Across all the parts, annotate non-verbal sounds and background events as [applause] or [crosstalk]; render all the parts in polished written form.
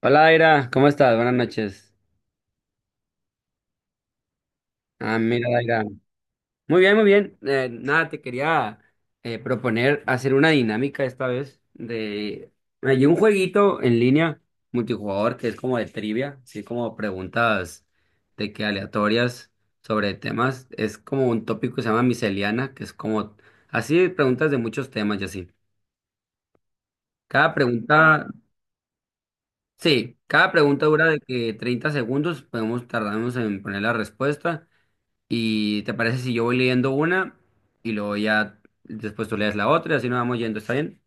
Hola, Daira, ¿cómo estás? Buenas noches. Ah, mira, Daira. Muy bien, muy bien. Nada, te quería proponer hacer una dinámica esta vez de... Hay un jueguito en línea multijugador que es como de trivia, así como preguntas de que aleatorias sobre temas. Es como un tópico que se llama miseliana, que es como así preguntas de muchos temas y así. Cada pregunta, sí, cada pregunta dura de que 30 segundos, podemos tardarnos en poner la respuesta. ¿Y te parece si yo voy leyendo una y luego ya después tú lees la otra y así nos vamos yendo? ¿Está bien?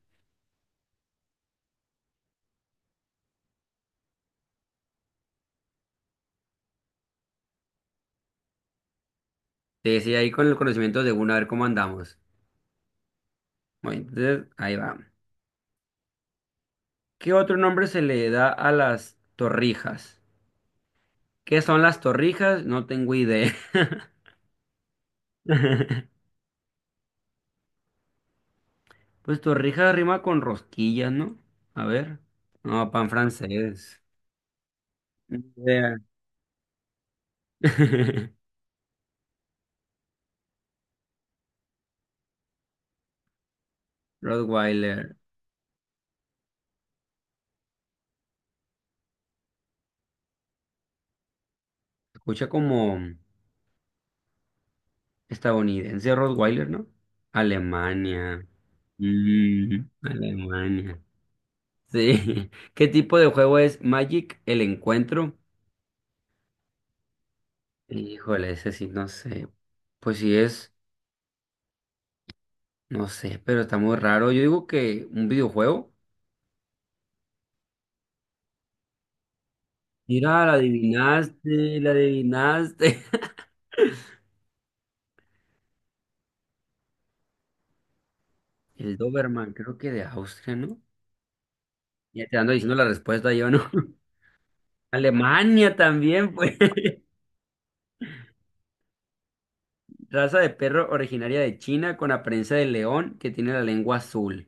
Te decía ahí con el conocimiento de una, a ver cómo andamos. Bueno, entonces ahí va. ¿Qué otro nombre se le da a las torrijas? ¿Qué son las torrijas? No tengo idea. [laughs] Pues torrijas rima con rosquillas, ¿no? A ver. No, pan francés. Ni idea. [laughs] Rottweiler. Escucha como estadounidense Rottweiler, ¿no? Alemania. Alemania. Sí. [laughs] ¿Qué tipo de juego es Magic el encuentro? Híjole, ese sí, no sé. Pues sí es, no sé, pero está muy raro. Yo digo que un videojuego. Mira, la adivinaste, la adivinaste. [laughs] El Doberman, creo que de Austria, ¿no? Ya te ando diciendo la respuesta yo, ¿no? [laughs] Alemania también, pues. [laughs] Raza de perro originaria de China con apariencia de león que tiene la lengua azul.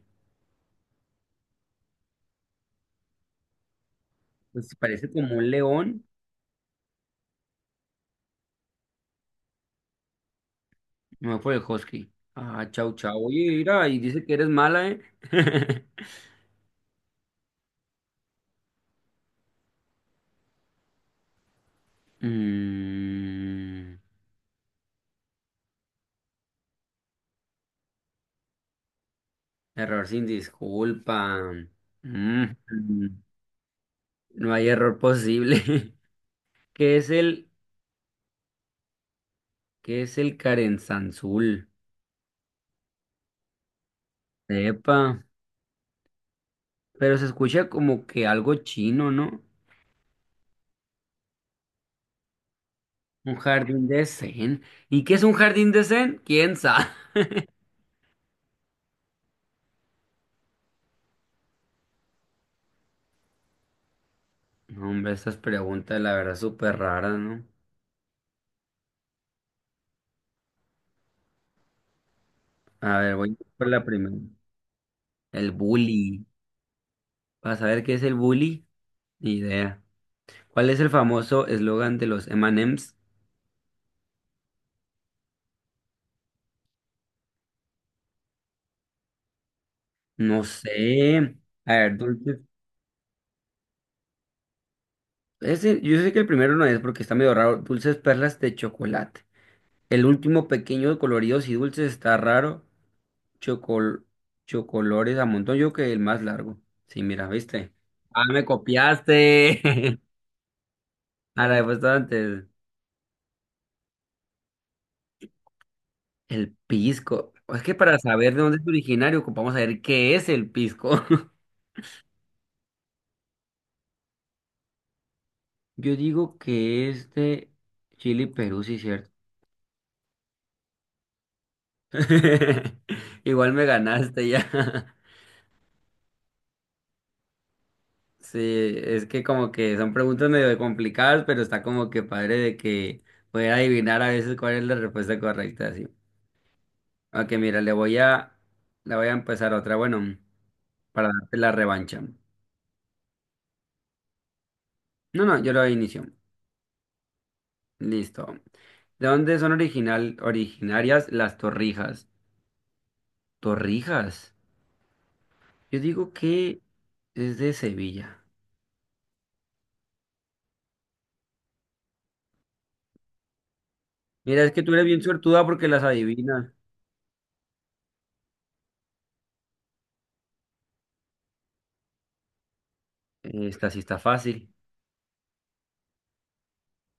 Pues parece como un león, Me fue el husky. Ah, chau, chau. Oye, mira, y dice que eres mala, ¿eh? [laughs] Mm, error sin disculpa. Mm, no hay error posible. [laughs] ¿Qué es el, qué es el Carenzanzul? Epa, pero se escucha como que algo chino, ¿no? Un jardín de zen. ¿Y qué es un jardín de zen? ¿Quién sabe? [laughs] No, hombre, estas preguntas, la verdad, súper raras, ¿no? A ver, voy por la primera. El bullying. Para saber qué es el bully, ni idea. ¿Cuál es el famoso eslogan de los M&M's? No sé. A ver, dulces. Ese, yo sé que el primero no es porque está medio raro. Dulces perlas de chocolate. El último pequeño, coloridos y dulces está raro. Chocol, chocolores a montón. Yo creo que el más largo. Sí, mira, ¿viste? Ah, me copiaste. [laughs] A la respuesta antes. El pisco. Es que para saber de dónde es originario, ocupamos saber qué es el pisco. [laughs] Yo digo que es de Chile y Perú, sí, cierto. [laughs] Igual me ganaste ya. [laughs] Sí, es que como que son preguntas medio complicadas, pero está como que padre de que poder adivinar a veces cuál es la respuesta correcta, sí. Ok, mira, le voy a empezar otra, bueno, para darte la revancha. No, no, yo lo inicio. Listo. ¿De dónde son originarias las torrijas? ¿Torrijas? Yo digo que es de Sevilla. Mira, es que tú eres bien suertuda porque las adivinas. Esta sí está fácil.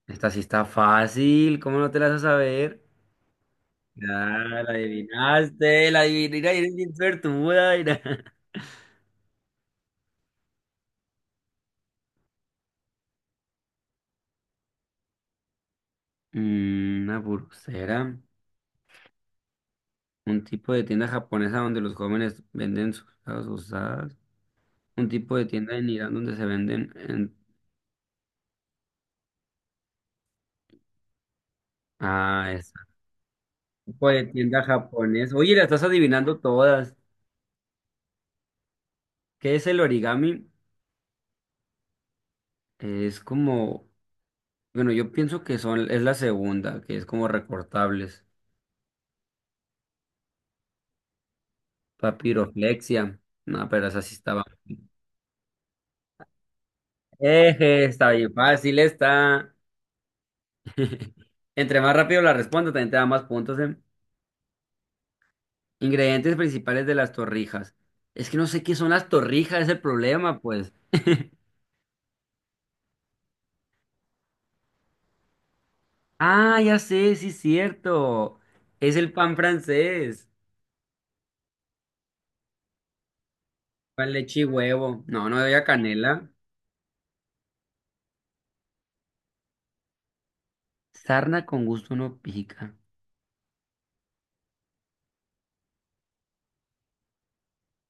Esta sí está fácil. ¿Cómo no te la vas a saber? Ah, la adivinaste, la adivinaste. Eres bien suertuda. Mira. [laughs] Una pulsera. Un tipo de tienda japonesa donde los jóvenes venden sus cosas usadas. Un tipo de tienda en Irán donde se venden. En- Ah, esa. Tipo de tienda japonesa. Oye, la estás adivinando todas. ¿Qué es el origami? Es como. Bueno, yo pienso que son, es la segunda, que es como recortables. Papiroflexia. No, pero esa sí estaba. Eje, está bien fácil, está. [laughs] Entre más rápido la respondo, también te da más puntos, ¿eh? Ingredientes principales de las torrijas. Es que no sé qué son las torrijas, es el problema, pues. [laughs] Ah, ya sé, sí, es cierto. Es el pan francés. Pan, leche y huevo. No, no había canela. Sarna con gusto no pica.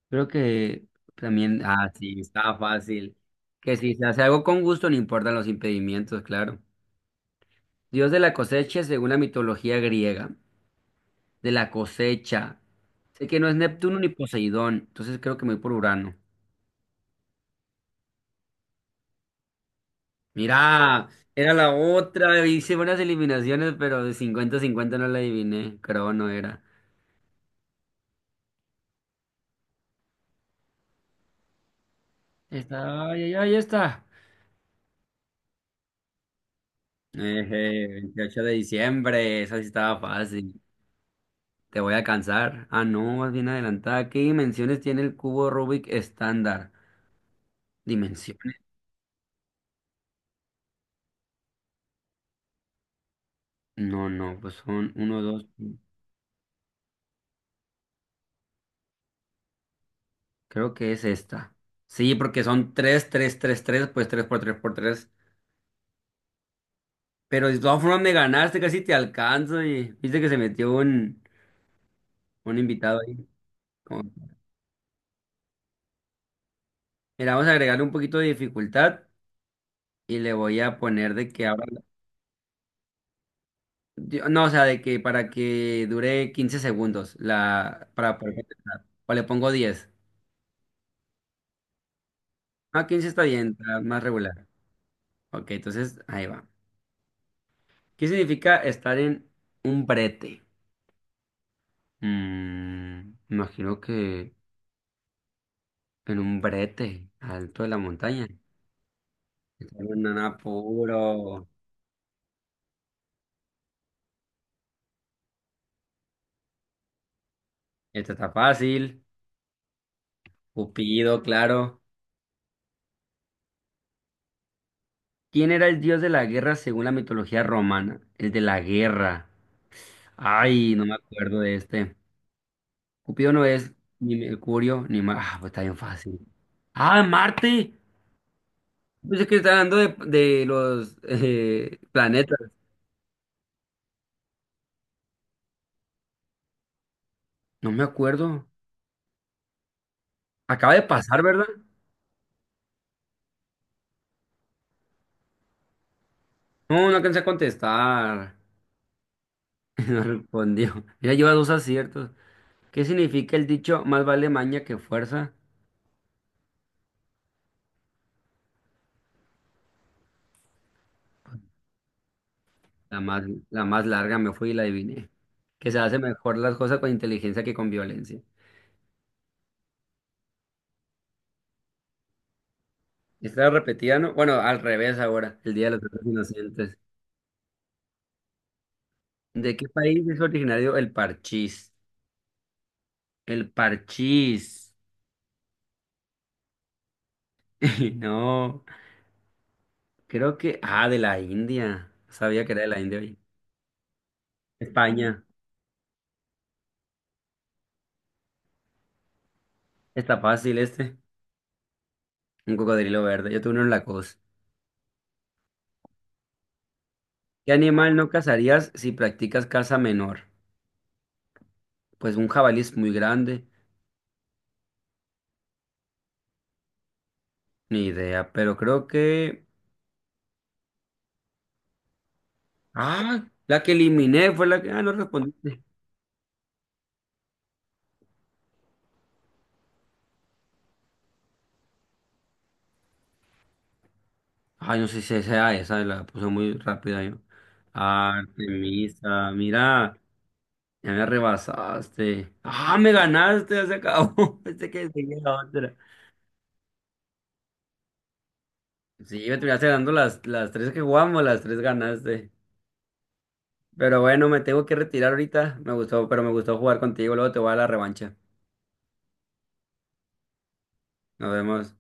Creo que también, ah, sí, está fácil. Que si se hace algo con gusto, no importan los impedimentos claro. Dios de la cosecha, según la mitología griega, de la cosecha. Sé que no es Neptuno ni Poseidón, entonces creo que me voy por Urano. Mira, era la otra, hice buenas eliminaciones, pero de 50 cincuenta no la adiviné, creo no era. Está, ay, ay, ahí está. Eje, 28 de diciembre, esa sí estaba fácil. Te voy a cansar. Ah, no, vas bien adelantada. ¿Qué dimensiones tiene el cubo Rubik estándar? ¿Dimensiones? No, no, pues son uno, dos. Creo que es esta. Sí, porque son tres, tres, tres, tres, pues tres por tres por tres. Pero de todas formas me ganaste, casi te alcanzo. Y viste que se metió un invitado ahí. Como- Mira, vamos a agregarle un poquito de dificultad y le voy a poner de que ahora. Yo- No, o sea, de que para que dure 15 segundos la, para poder contestar. O le pongo 10. Ah, 15 está bien, está más regular. Ok, entonces ahí va. ¿Qué significa estar en un brete? Imagino que en un brete, alto de la montaña. Está en un apuro. Esto está fácil. Cupido, claro. ¿Quién era el dios de la guerra según la mitología romana? El de la guerra. Ay, no me acuerdo de este. Cupido no es ni Mercurio, ni Marte. Ah, pues está bien fácil. ¡Ah, Marte! Yo que estaba hablando de los planetas. No me acuerdo. Acaba de pasar, ¿verdad? No, no alcancé a contestar. [laughs] No respondió. Mira, lleva dos aciertos. ¿Qué significa el dicho más vale maña que fuerza? La más, la más larga me fui y la adiviné. Que se hace mejor las cosas con inteligencia que con violencia. Está repetida, ¿no? Bueno, al revés ahora, el Día de los Santos Inocentes. ¿De qué país es originario el parchís? El parchís. [laughs] No. Creo que, ah, de la India. Sabía que era de la India, oye. España. Está fácil este. Un cocodrilo verde. Yo tuve uno en la costa. ¿Qué animal no cazarías si practicas caza menor? Pues un jabalí es muy grande. Ni idea. Pero creo que. Ah, la que eliminé fue la que. Ah, no respondiste. Ay, no sé si sea esa. La puse muy rápida yo. Ah, Artemisa. Mira. Ya me rebasaste. Ah, me ganaste. Ya se acabó. [laughs] Pensé que seguía la otra. Sí, me terminaste dando las tres que jugamos, las tres ganaste. Pero bueno, me tengo que retirar ahorita. Me gustó, pero me gustó jugar contigo. Luego te voy a la revancha. Nos vemos.